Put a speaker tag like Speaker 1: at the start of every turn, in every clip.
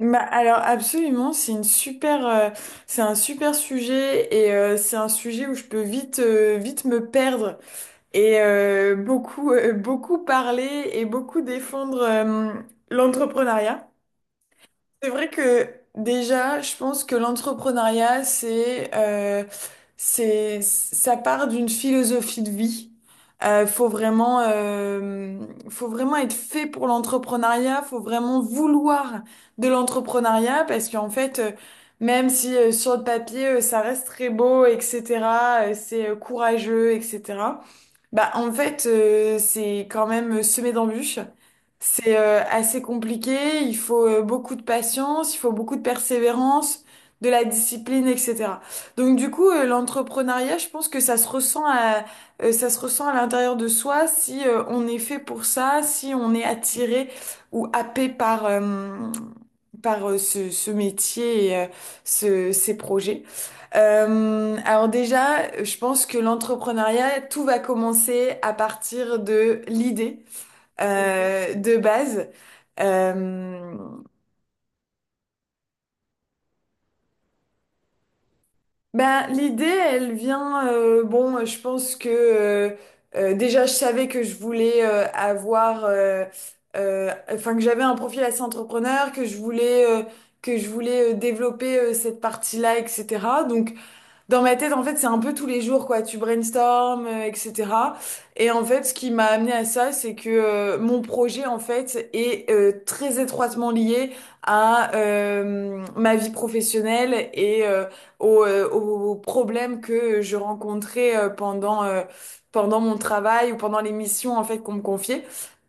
Speaker 1: Bah alors absolument, c'est c'est un super sujet et c'est un sujet où je peux vite me perdre et beaucoup parler et beaucoup défendre l'entrepreneuriat. C'est vrai que déjà, je pense que l'entrepreneuriat, ça part d'une philosophie de vie. Euh, faut vraiment, euh, faut vraiment être fait pour l'entrepreneuriat. Faut vraiment vouloir de l'entrepreneuriat parce qu'en fait, même si sur le papier, ça reste très beau, etc. C'est courageux, etc. Bah, en fait, c'est quand même semé d'embûches. C'est assez compliqué, il faut beaucoup de patience, il faut beaucoup de persévérance, de la discipline, etc. Donc du coup, l'entrepreneuriat, je pense que ça se ressent à l'intérieur de soi si on est fait pour ça, si on est attiré ou happé par ce métier et ces projets. Alors déjà, je pense que l'entrepreneuriat, tout va commencer à partir de l'idée de base. Euh, l'idée, elle vient, bon, je pense que déjà, je savais que je voulais enfin que j'avais un profil assez entrepreneur, que je voulais développer cette partie-là, etc. Donc dans ma tête, en fait, c'est un peu tous les jours, quoi. Tu brainstormes, etc. Et en fait, ce qui m'a amené à ça, c'est que mon projet, en fait, est très étroitement lié à ma vie professionnelle et aux problèmes que je rencontrais pendant mon travail ou pendant les missions, en fait, qu'on me confiait.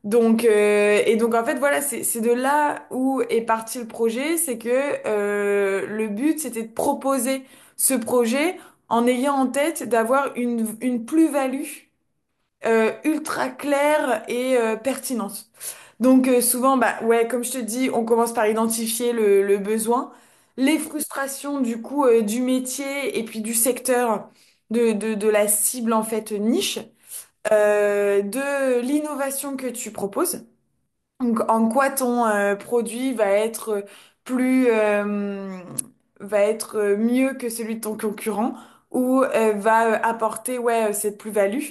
Speaker 1: Donc en fait voilà, c'est de là où est parti le projet. C'est que le but c'était de proposer ce projet en ayant en tête d'avoir une plus-value ultra claire et pertinente. Donc souvent, bah ouais, comme je te dis, on commence par identifier le besoin, les frustrations du coup du métier et puis du secteur de la cible, en fait niche, de l'innovation que tu proposes. Donc, en quoi ton produit va être plus va être mieux que celui de ton concurrent ou va apporter ouais cette plus-value.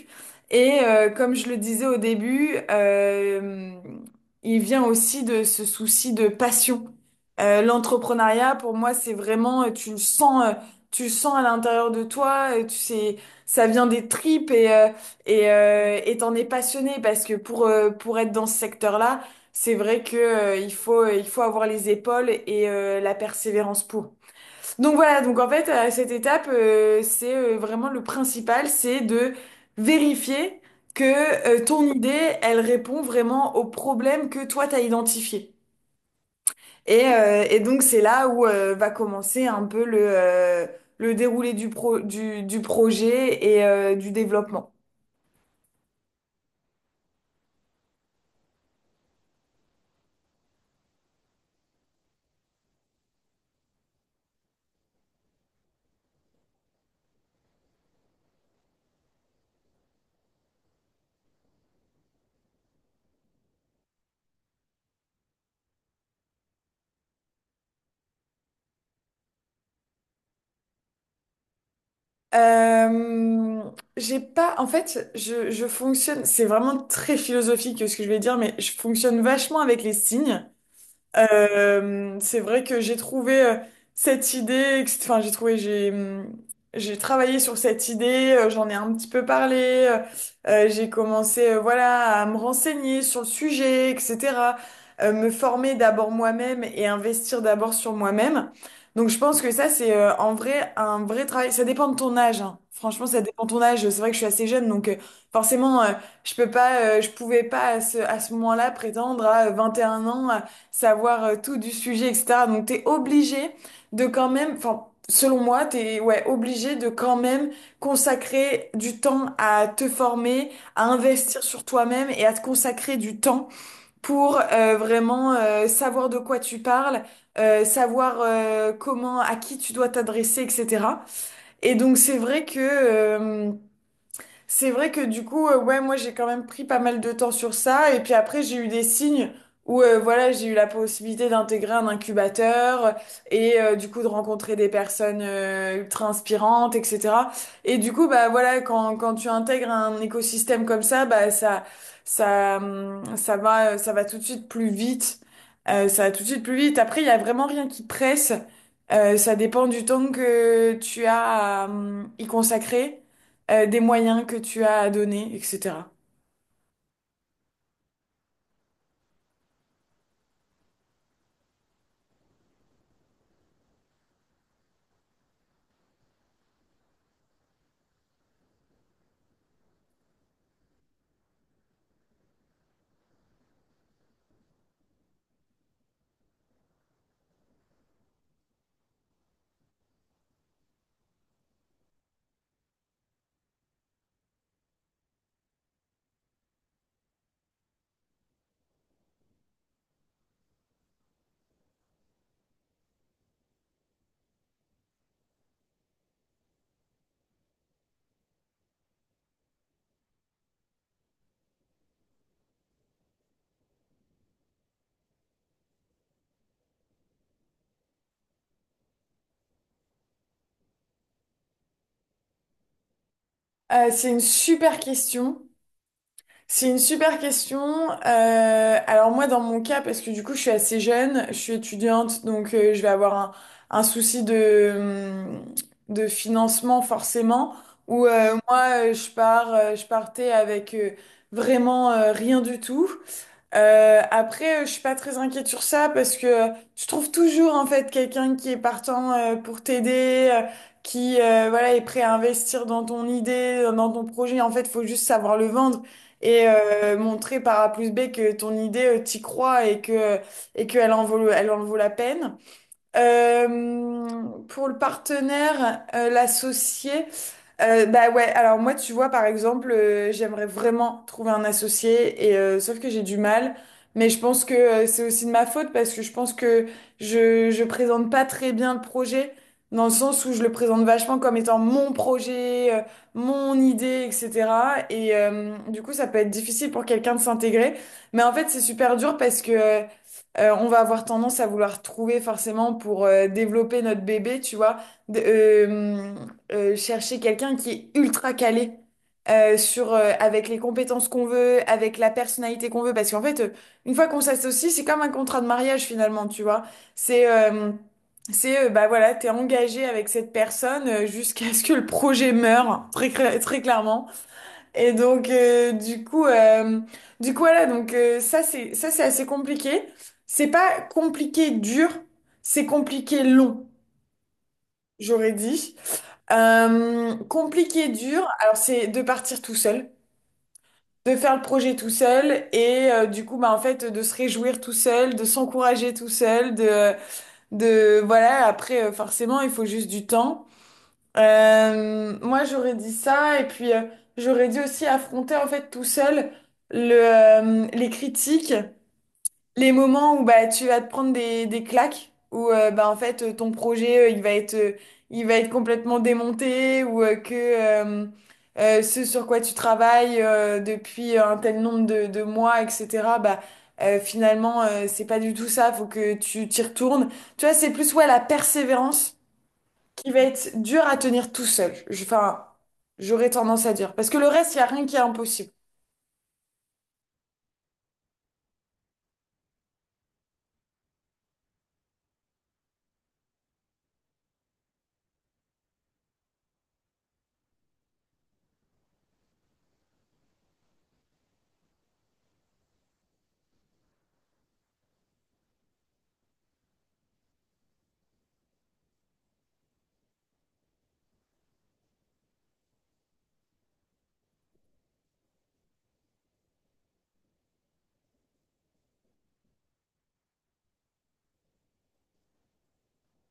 Speaker 1: Et comme je le disais au début, il vient aussi de ce souci de passion. L'entrepreneuriat pour moi c'est vraiment tu le sens à l'intérieur de toi, tu sais ça vient des tripes et t'en es passionné parce que pour être dans ce secteur-là c'est vrai que il faut avoir les épaules et la persévérance pour. Donc voilà, donc en fait à cette étape c'est vraiment le principal, c'est de vérifier que ton idée, elle répond vraiment au problème que toi t'as identifié. Et donc c'est là où va commencer un peu le déroulé du projet et du développement. Euh, j'ai pas, en fait, je fonctionne, c'est vraiment très philosophique ce que je vais dire, mais je fonctionne vachement avec les signes. C'est vrai que j'ai trouvé, j'ai travaillé sur cette idée, j'en ai un petit peu parlé, j'ai commencé voilà à me renseigner sur le sujet, etc. Me former d'abord moi-même et investir d'abord sur moi-même. Donc je pense que ça c'est en vrai un vrai travail. Ça dépend de ton âge, hein. Franchement ça dépend de ton âge. C'est vrai que je suis assez jeune donc forcément je peux pas, je pouvais pas à ce moment-là prétendre à 21 ans. Savoir tout du sujet, etc. Donc t'es obligé de quand même, enfin selon moi, t'es ouais obligé de quand même consacrer du temps à te former, à investir sur toi-même et à te consacrer du temps pour vraiment savoir de quoi tu parles. Savoir comment, à qui tu dois t'adresser, etc. Et donc c'est vrai que du coup, ouais, moi j'ai quand même pris pas mal de temps sur ça. Et puis après, j'ai eu des signes où voilà, j'ai eu la possibilité d'intégrer un incubateur et du coup de rencontrer des personnes ultra inspirantes, etc. Et du coup, bah voilà, quand tu intègres un écosystème comme ça, ça va tout de suite plus vite. Ça va tout de suite plus vite. Après, il y a vraiment rien qui presse. Ça dépend du temps que tu as à y consacrer des moyens que tu as à donner, etc. C'est une super question. C'est une super question. Alors moi, dans mon cas, parce que du coup, je suis assez jeune, je suis étudiante, donc je vais avoir un souci de financement forcément, où je partais avec vraiment rien du tout. Après, je suis pas très inquiète sur ça parce que tu trouves toujours en fait quelqu'un qui est partant pour t'aider, qui voilà est prêt à investir dans ton idée, dans ton projet. En fait, faut juste savoir le vendre et montrer par A plus B que ton idée, t'y crois et qu'elle en vaut, elle en vaut la peine. Pour le partenaire, l'associé, bah ouais, alors moi, tu vois, par exemple, j'aimerais vraiment trouver un associé, et sauf que j'ai du mal, mais je pense que c'est aussi de ma faute parce que je pense que je présente pas très bien le projet, dans le sens où je le présente vachement comme étant mon projet, mon idée, etc. Et du coup, ça peut être difficile pour quelqu'un de s'intégrer, mais en fait, c'est super dur. Parce que. On va avoir tendance à vouloir trouver forcément pour développer notre bébé, tu vois, de- euh, chercher quelqu'un qui est ultra calé avec les compétences qu'on veut, avec la personnalité qu'on veut, parce qu'en fait, une fois qu'on s'associe, c'est comme un contrat de mariage finalement, tu vois. C'est euh, c'est bah voilà, t'es engagé avec cette personne jusqu'à ce que le projet meure, très clairement. Et donc, voilà, donc c'est ça, c'est assez compliqué. C'est pas compliqué dur, c'est compliqué long, j'aurais dit. Compliqué dur, alors c'est de partir tout seul, de faire le projet tout seul, et du coup, bah en fait, de se réjouir tout seul, de s'encourager tout seul, de voilà. Après, forcément, il faut juste du temps. Moi, j'aurais dit ça, et puis j'aurais dit aussi affronter en fait tout seul les critiques, les moments où bah tu vas te prendre des claques, où bah en fait ton projet il va être, complètement démonté, ou que ce sur quoi tu travailles depuis un tel nombre de mois, etc. Bah finalement c'est pas du tout ça, faut que tu t'y retournes. Tu vois, c'est plus ouais la persévérance qui va être dur à tenir tout seul. J'aurais tendance à dire. Parce que le reste, il n'y a rien qui est impossible.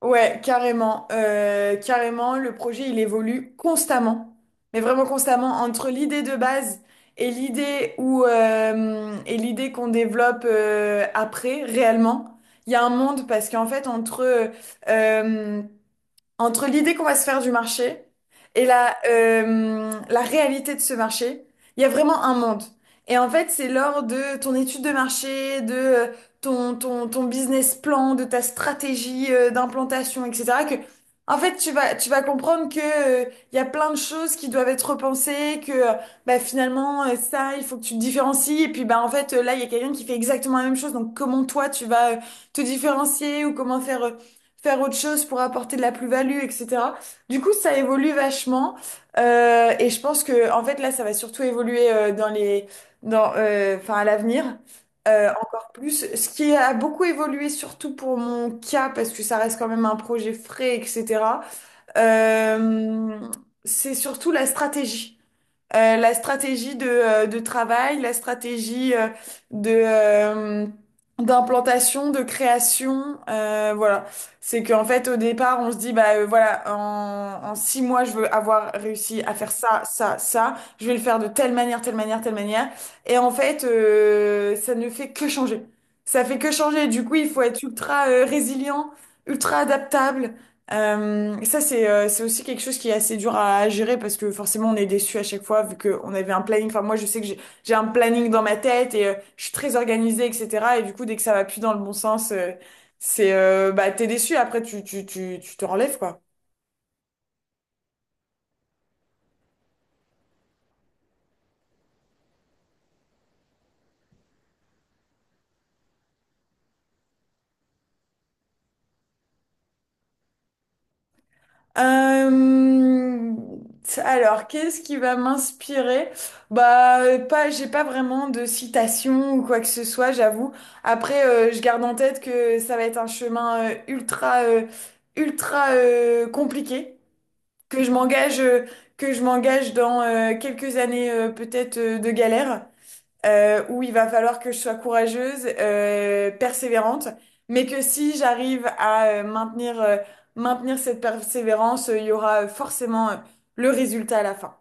Speaker 1: Ouais, carrément. Carrément, le projet, il évolue constamment. Mais vraiment constamment, entre l'idée de base et l'idée qu'on développe après, réellement. Il y a un monde parce qu'en fait, entre euh, entre l'idée qu'on va se faire du marché et la réalité de ce marché, il y a vraiment un monde. Et en fait, c'est lors de ton étude de marché, de ton business plan, de ta stratégie d'implantation, etc., que, en fait, tu vas comprendre que, il y a plein de choses qui doivent être repensées, que, bah, finalement, ça, il faut que tu te différencies. Et puis, bah, en fait, là, il y a quelqu'un qui fait exactement la même chose. Donc, comment toi, tu vas te différencier ou comment faire autre chose pour apporter de la plus-value, etc. Du coup, ça évolue vachement. Et je pense que, en fait, là, ça va surtout évoluer enfin, à l'avenir. Encore plus. Ce qui a beaucoup évolué, surtout pour mon cas, parce que ça reste quand même un projet frais, etc. euh, c'est surtout la stratégie de travail, la stratégie de d'implantation, de création, voilà. C'est qu'en fait au départ on se dit bah en 6 mois je veux avoir réussi à faire ça, ça, ça. Je vais le faire de telle manière, telle manière, telle manière. Et en fait ça ne fait que changer. Ça fait que changer. Du coup il faut être ultra résilient, ultra adaptable. Ça, c'est c'est aussi quelque chose qui est assez dur à gérer parce que forcément, on est déçu à chaque fois vu qu'on avait un planning. Enfin, moi, je sais que j'ai un planning dans ma tête et je suis très organisée, etc. Et du coup, dès que ça va plus dans le bon sens, c'est bah t'es déçu. Après, tu te relèves, quoi. Euh, alors, qu'est-ce qui va m'inspirer? Bah, pas, j'ai pas vraiment de citation ou quoi que ce soit, j'avoue. Après, je garde en tête que ça va être un chemin ultra compliqué, que je m'engage, euh, que je m'engage dans quelques années peut-être de galère où il va falloir que je sois courageuse, persévérante, mais que si j'arrive à maintenir cette persévérance, il y aura forcément le résultat à la fin.